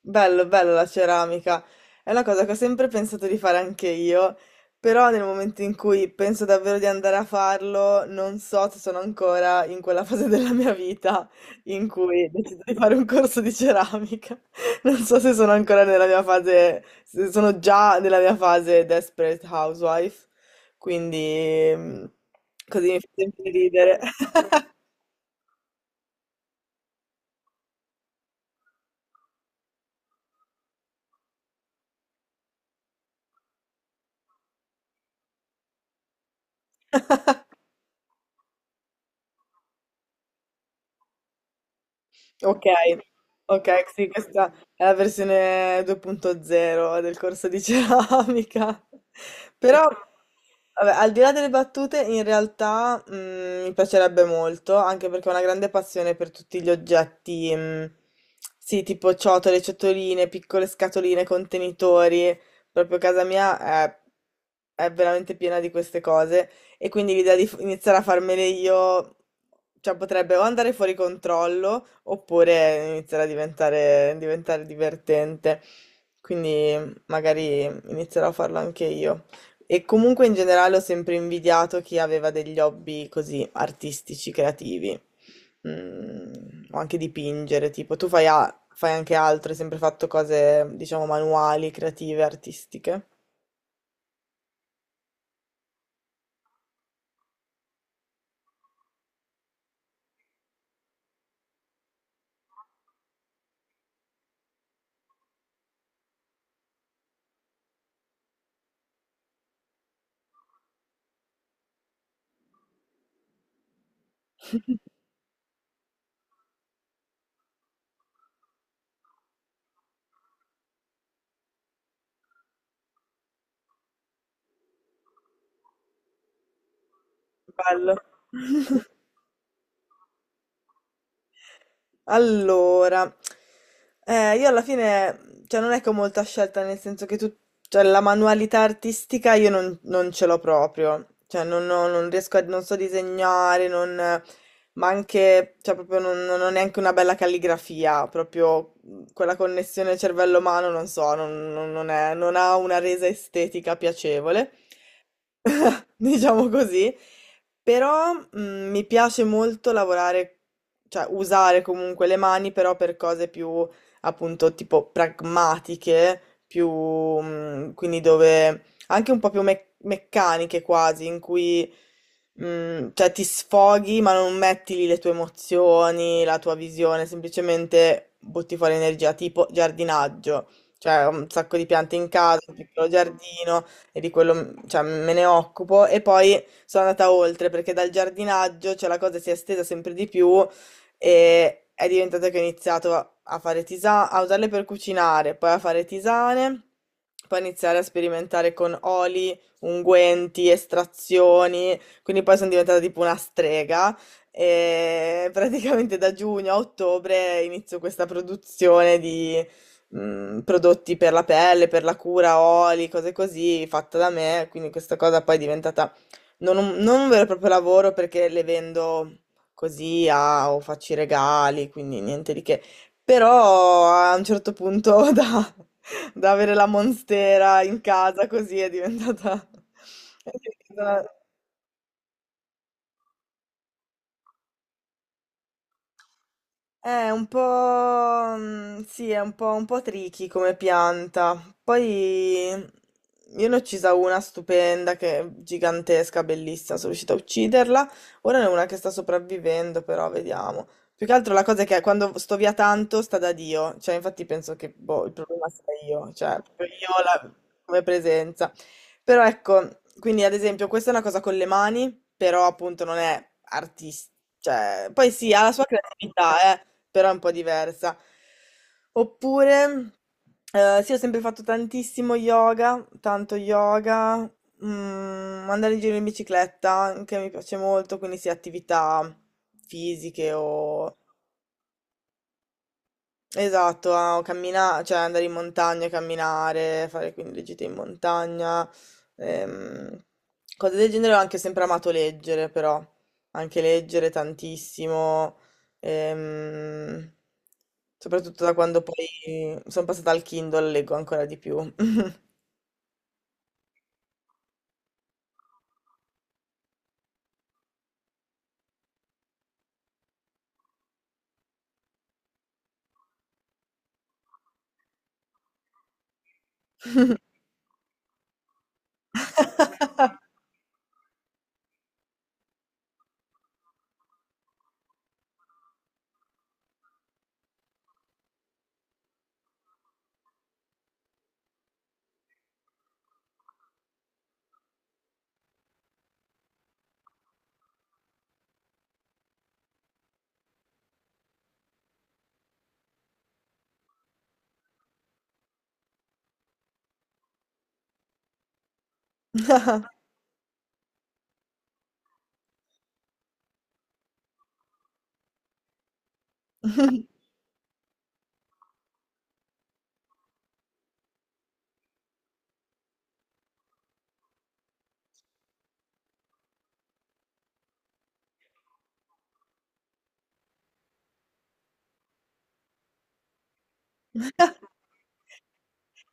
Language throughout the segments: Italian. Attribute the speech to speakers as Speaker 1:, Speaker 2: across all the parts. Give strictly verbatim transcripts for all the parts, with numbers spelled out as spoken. Speaker 1: Bello, bello la ceramica. È una cosa che ho sempre pensato di fare anche io, però nel momento in cui penso davvero di andare a farlo, non so se sono ancora in quella fase della mia vita in cui decido di fare un corso di ceramica. Non so se sono ancora nella mia fase, se sono già nella mia fase Desperate Housewife, quindi mm, così mi fa sempre ridere. Ok, ok, sì, questa è la versione due punto zero del corso di ceramica. Però, vabbè, al di là delle battute, in realtà mm, mi piacerebbe molto, anche perché ho una grande passione per tutti gli oggetti, mm, sì, tipo ciotole, ciotoline, piccole scatoline, contenitori. Proprio casa mia è, è veramente piena di queste cose. E quindi l'idea di f- iniziare a farmele io, cioè potrebbe o andare fuori controllo oppure iniziare a diventare, diventare divertente. Quindi magari inizierò a farlo anche io. E comunque in generale ho sempre invidiato chi aveva degli hobby così artistici, creativi. Mm, o anche dipingere, tipo tu fai, a- fai anche altro, hai sempre fatto cose, diciamo, manuali, creative, artistiche. Bello. Allora, eh, io alla fine, cioè non è che ho molta scelta, nel senso che tu, cioè la manualità artistica io non, non ce l'ho proprio, cioè non, ho- non riesco a, non so disegnare, non, ma anche, cioè proprio non, non ho neanche una bella calligrafia, proprio quella connessione cervello-mano, non so, non, non- non è- non ha una resa estetica piacevole. Diciamo così, però mm, mi piace molto lavorare, cioè usare comunque le mani, però per cose più appunto tipo pragmatiche, più mm, quindi dove anche un po' più mec- meccaniche quasi, in cui mm, cioè ti sfoghi, ma non metti lì le tue emozioni, la tua visione, semplicemente butti fuori energia, tipo giardinaggio. Cioè, ho un sacco di piante in casa, un piccolo giardino, e di quello, mm, cioè, me ne occupo e poi sono andata oltre perché dal giardinaggio, cioè, la cosa si è estesa sempre di più e è diventata che ho iniziato a a fare tisane, a usarle per cucinare, poi a fare tisane, poi iniziare a sperimentare con oli, unguenti, estrazioni, quindi poi sono diventata tipo una strega. E praticamente da giugno a ottobre inizio questa produzione di, mm, prodotti per la pelle, per la cura, oli, cose così, fatta da me, quindi questa cosa poi è diventata non un, non un vero e proprio lavoro perché le vendo così a- o faccio i regali, quindi niente di che. Però a un certo punto da, da avere la monstera in casa così è diventata... è diventata. È un po', mhmm, sì, è un po' un po' tricky come pianta. Poi mm, io ne ho uccisa una stupenda che è gigantesca, bellissima, sono riuscita a ucciderla. Ora ne ho una che sta sopravvivendo, però vediamo. Più che altro la cosa è che quando sto via tanto sta da Dio, cioè infatti penso che boh, il problema sia io, cioè proprio io la- come presenza. Però ecco, quindi ad esempio questa è una cosa con le mani, però appunto non è artistica. Cioè, poi sì, ha la sua creatività, eh, però è un po' diversa. Oppure, eh, sì, ho sempre fatto tantissimo yoga, tanto yoga, mm, andare in giro in bicicletta, che mi piace molto, quindi sì, attività fisiche o esatto, a cammina- cioè andare in montagna, camminare, fare quindi le gite in montagna, ehm, cose del genere. Ho anche sempre amato leggere, però, anche leggere tantissimo, ehm, soprattutto da quando poi sono passata al Kindle, leggo ancora di più.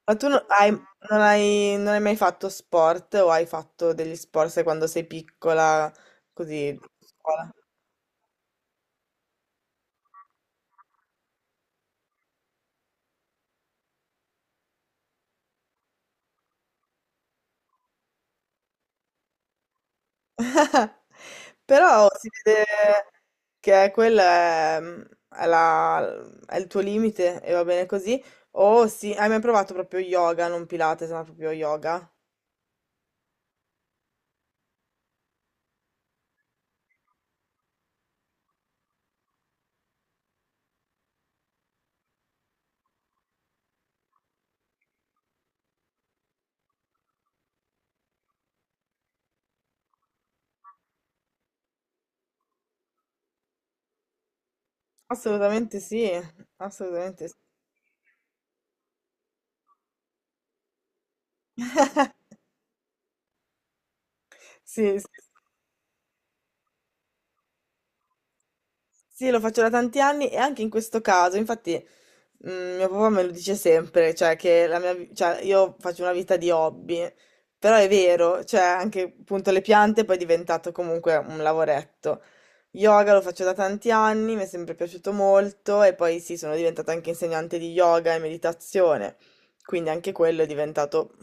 Speaker 1: Ma tu non hai, non hai- non hai mai fatto sport o hai fatto degli sport, sai, quando sei piccola, così, a scuola? Però si vede che quella è, mm, è la- è il tuo limite e va bene così. Oh sì, hai mai provato proprio yoga, non Pilates, ma proprio yoga? Assolutamente sì, assolutamente sì. Sì, sì, sì, lo faccio da tanti anni e anche in questo caso, infatti, mm, mio papà me lo dice sempre, cioè che la mia, vi- cioè, io faccio una vita di hobby, però è vero, cioè anche appunto le piante poi è diventato comunque un lavoretto. Yoga lo faccio da tanti anni, mi è sempre piaciuto molto e poi sì, sono diventata anche insegnante di yoga e meditazione, quindi anche quello è diventato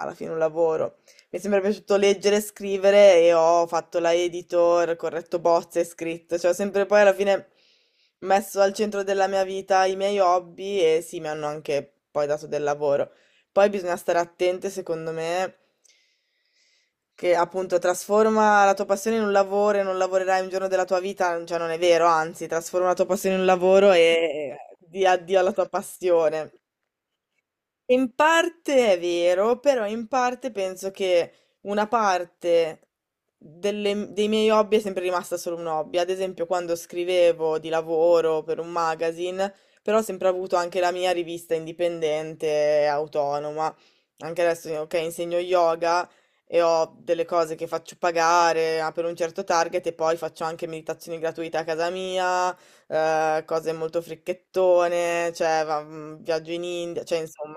Speaker 1: alla fine un lavoro. Mi è sempre piaciuto leggere e scrivere e ho fatto la editor, corretto bozze, scritto, cioè ho sempre poi alla fine messo al centro della mia vita i miei hobby e sì, mi hanno anche poi dato del lavoro. Poi bisogna stare attente, secondo me, che appunto trasforma la tua passione in un lavoro e non lavorerai un giorno della tua vita, cioè non è vero, anzi, trasforma la tua passione in un lavoro e di addio alla tua passione. In parte è vero, però in parte penso che una parte delle- dei miei hobby è sempre rimasta solo un hobby. Ad esempio, quando scrivevo di lavoro per un magazine, però ho sempre avuto anche la mia rivista indipendente e autonoma. Anche adesso, ok, insegno yoga e ho delle cose che faccio pagare ah, per un certo target e poi faccio anche meditazioni gratuite a casa mia, eh, cose molto fricchettone, cioè va- mm, viaggio in India, cioè insomma.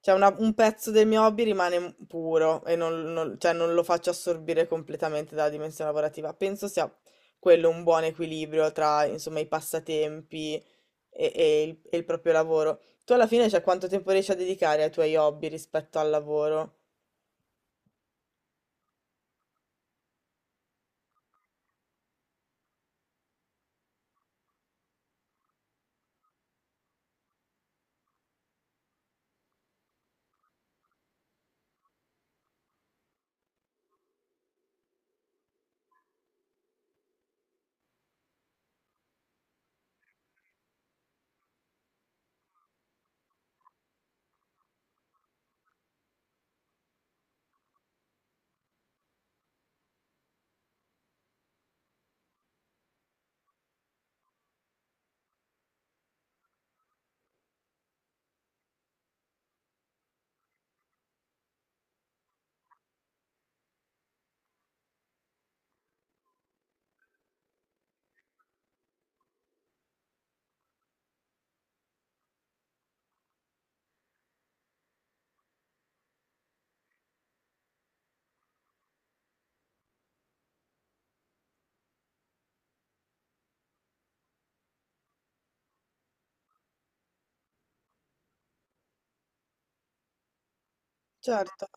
Speaker 1: Cioè una- un pezzo del mio hobby rimane puro e non, non- cioè, non lo faccio assorbire completamente dalla dimensione lavorativa. Penso sia quello un buon equilibrio tra, insomma, i passatempi e, e il, e il proprio lavoro. Tu alla fine, cioè, quanto tempo riesci a dedicare ai tuoi hobby rispetto al lavoro? Certo,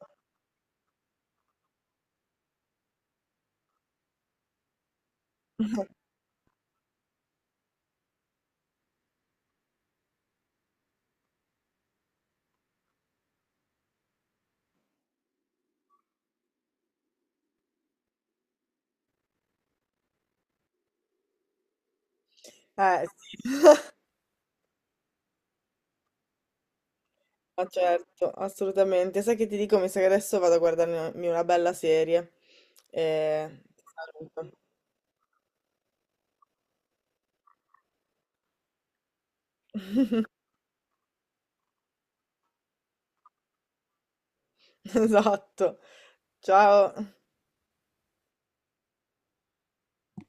Speaker 1: eh sì, ma certo, assolutamente. Sai che ti dico? Mi sa che adesso vado a guardarmi una bella serie. E... ti saluto. Esatto. Ciao.